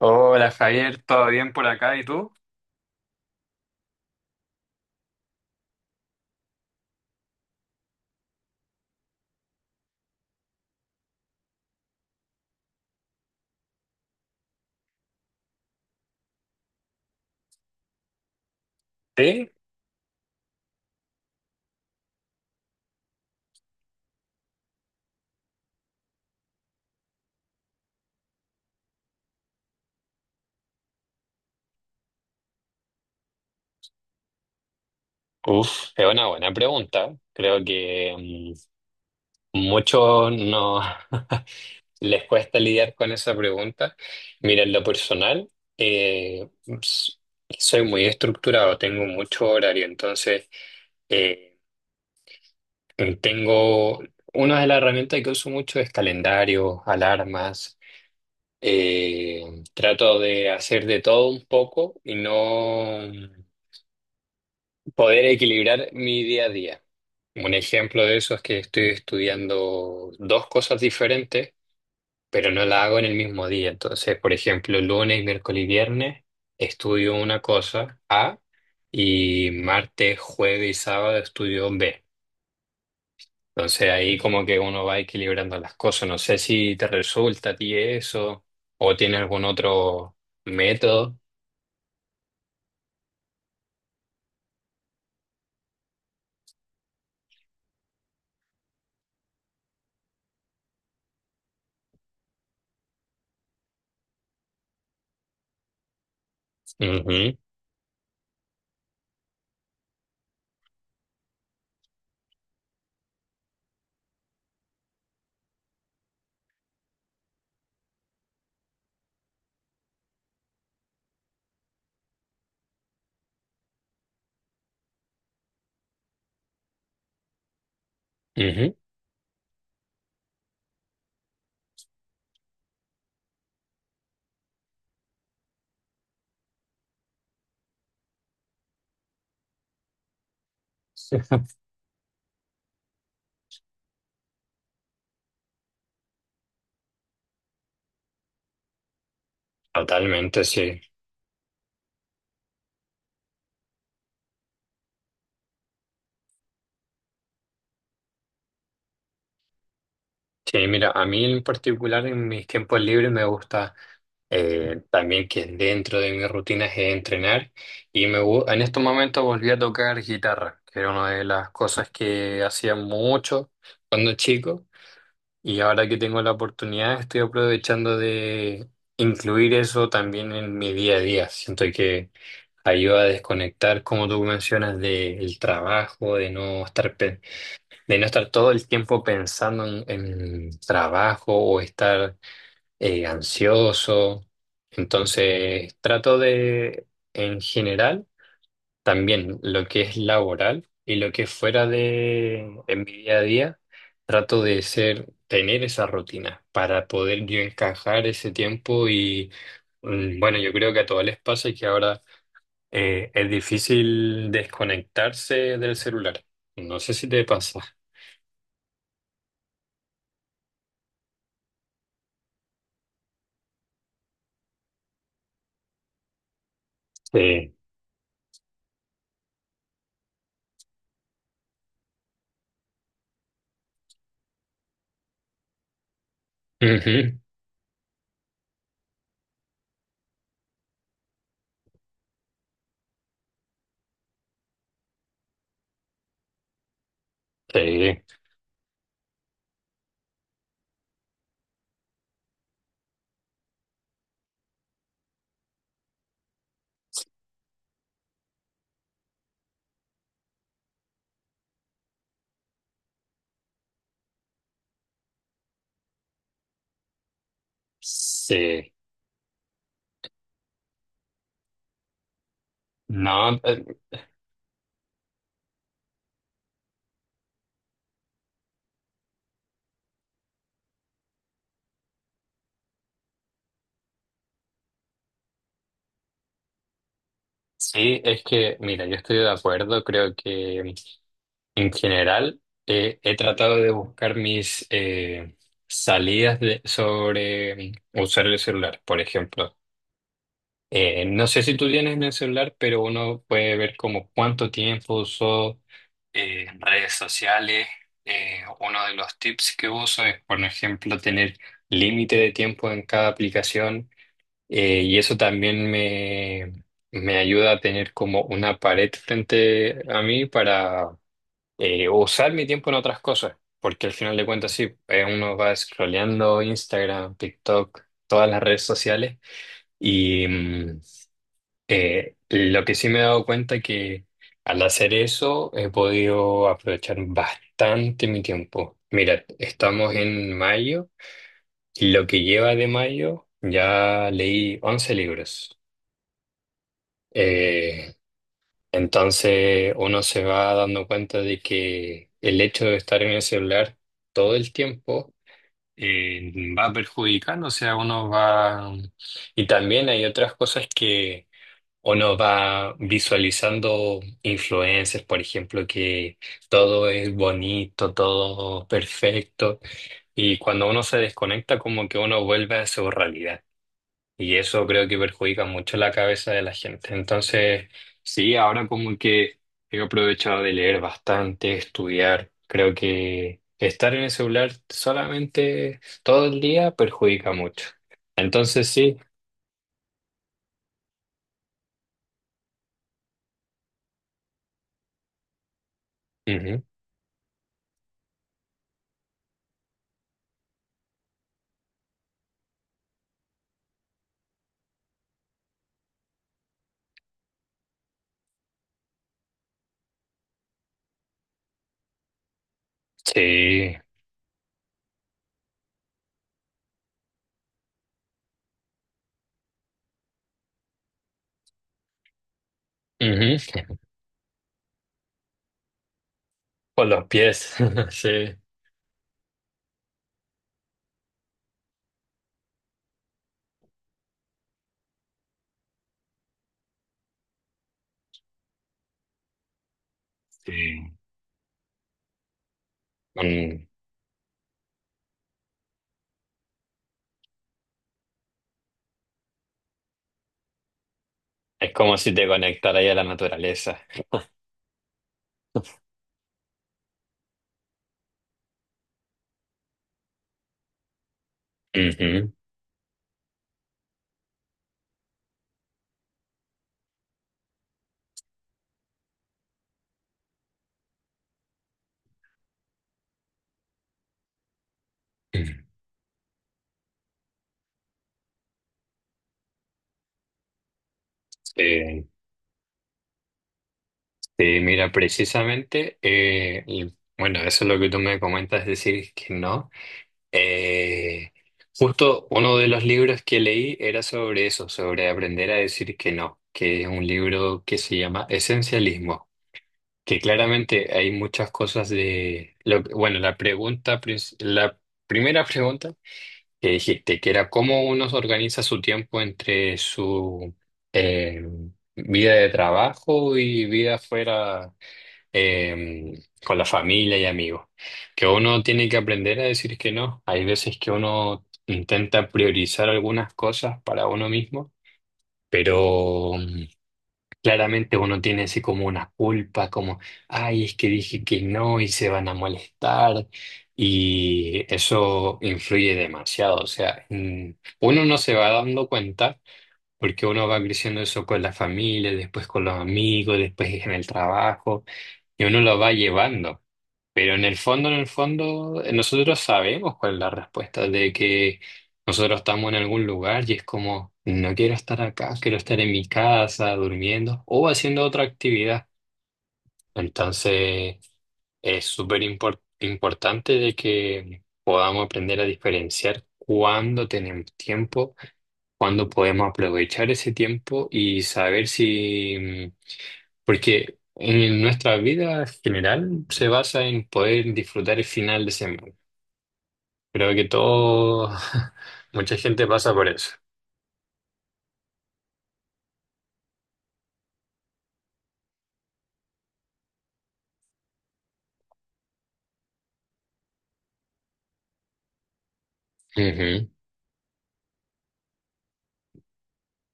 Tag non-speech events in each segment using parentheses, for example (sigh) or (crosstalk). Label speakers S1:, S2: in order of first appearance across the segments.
S1: Hola Javier, ¿todo bien por acá? ¿Y tú? Sí, uf, es una buena pregunta. Creo que muchos no (laughs) les cuesta lidiar con esa pregunta. Mira, en lo personal, eh, s- soy muy estructurado, tengo mucho horario, entonces eh, tengo una de las herramientas que uso mucho es calendarios, alarmas. eh, Trato de hacer de todo un poco y no. Poder equilibrar mi día a día. Un ejemplo de eso es que estoy estudiando dos cosas diferentes, pero no la hago en el mismo día. Entonces, por ejemplo, lunes, miércoles y viernes estudio una cosa A y martes, jueves y sábado estudio B. Entonces ahí como que uno va equilibrando las cosas. ¿No sé si te resulta a ti eso o tienes algún otro método? Ujú, ujú. (laughs) Totalmente, sí. Sí, mira, a mí en particular en mis tiempos libres me gusta también que dentro de mis rutinas es entrenar y en estos momentos volví a tocar guitarra, que era una de las cosas que hacía mucho cuando chico, y ahora que tengo la oportunidad estoy aprovechando de incluir eso también en mi día a día. Siento que ayuda a desconectar, como tú mencionas, del trabajo, de no estar todo el tiempo pensando en trabajo o estar ansioso. Entonces, trato de, en general, también lo que es laboral y lo que es fuera de, en mi día a día, trato de ser, tener esa rutina para poder yo encajar ese tiempo y, bueno, yo creo que a todos les pasa y que ahora es difícil desconectarse del celular. No sé si te pasa. Sí. Ujú. Sí, sí. No, sí, es que, mira, yo estoy de acuerdo, creo que en general he tratado de buscar mis sobre usar el celular, por ejemplo. No sé si tú tienes en el celular, pero uno puede ver como cuánto tiempo usó redes sociales. Uno de los tips que uso es, por ejemplo, tener límite de tiempo en cada aplicación. Y eso también me ayuda a tener como una pared frente a mí para usar mi tiempo en otras cosas, porque al final de cuentas sí, uno va scrolleando Instagram, TikTok, todas las redes sociales y lo que sí me he dado cuenta que al hacer eso he podido aprovechar bastante mi tiempo. Mira, estamos en mayo y lo que lleva de mayo ya leí 11 libros. Eh, entonces uno se va dando cuenta de que el hecho de estar en el celular todo el tiempo eh, va perjudicando, o sea, uno va... Y también hay otras cosas que uno va visualizando influencers, por ejemplo, que todo es bonito, todo perfecto, y cuando uno se desconecta como que uno vuelve a su realidad. Y eso creo que perjudica mucho la cabeza de la gente. Entonces, sí, ahora como que he aprovechado de leer bastante, estudiar. Creo que estar en el celular solamente todo el día perjudica mucho. Entonces, sí. Ujú. Sí. Ujú. Por los pies. (laughs) Sí. Sí. Mm. Es como si te conectara ahí a la naturaleza. Ujú. Sí. Sí, mira, precisamente, y bueno, eso es lo que tú me comentas, es decir, que no. Eh, justo uno de los libros que leí era sobre eso, sobre aprender a decir que no, que es un libro que se llama Esencialismo, que claramente hay muchas cosas de, lo, que- bueno, la pregunta, la primera pregunta que dijiste, que era cómo uno organiza su tiempo entre su eh, vida de trabajo y vida fuera con la familia y amigos. Que uno tiene que aprender a decir que no. Hay veces que uno intenta priorizar algunas cosas para uno mismo, pero claramente uno tiene así como una culpa, como, ay, es que dije que no y se van a molestar. Y eso influye demasiado. O sea, uno no se va dando cuenta. Porque uno va creciendo eso con la familia, después con los amigos, después en el trabajo, y uno lo va llevando. Pero en el fondo, nosotros sabemos cuál es la respuesta de que nosotros estamos en algún lugar y es como, no quiero estar acá, quiero estar en mi casa, durmiendo o haciendo otra actividad. Entonces, es súper importante de que podamos aprender a diferenciar cuándo tenemos tiempo, cuándo podemos aprovechar ese tiempo y saber si porque en nuestra vida general se basa en poder disfrutar el final de semana. Creo que todo, (laughs) mucha gente pasa por eso. Ujú.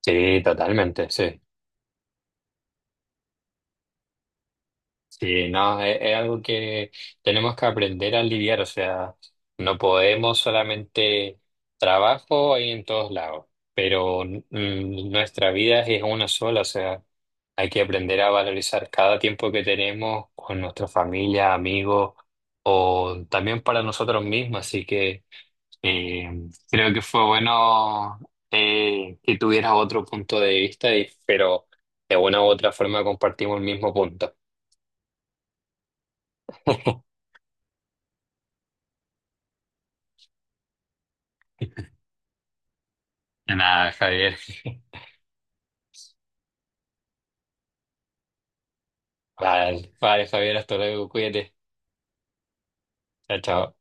S1: Sí, totalmente, sí. Sí, no, es algo que tenemos que aprender a lidiar, o sea, no podemos solamente trabajo ahí en todos lados, pero nuestra vida es una sola, o sea, hay que aprender a valorizar cada tiempo que tenemos con nuestra familia, amigos, o también para nosotros mismos, así que eh, creo que fue bueno que tuvieras otro punto de vista, pero de una u otra forma compartimos el mismo punto. (laughs) Nada, Javier. (laughs) Vale, vale, Javier, hasta luego, cuídate. Chao, chao.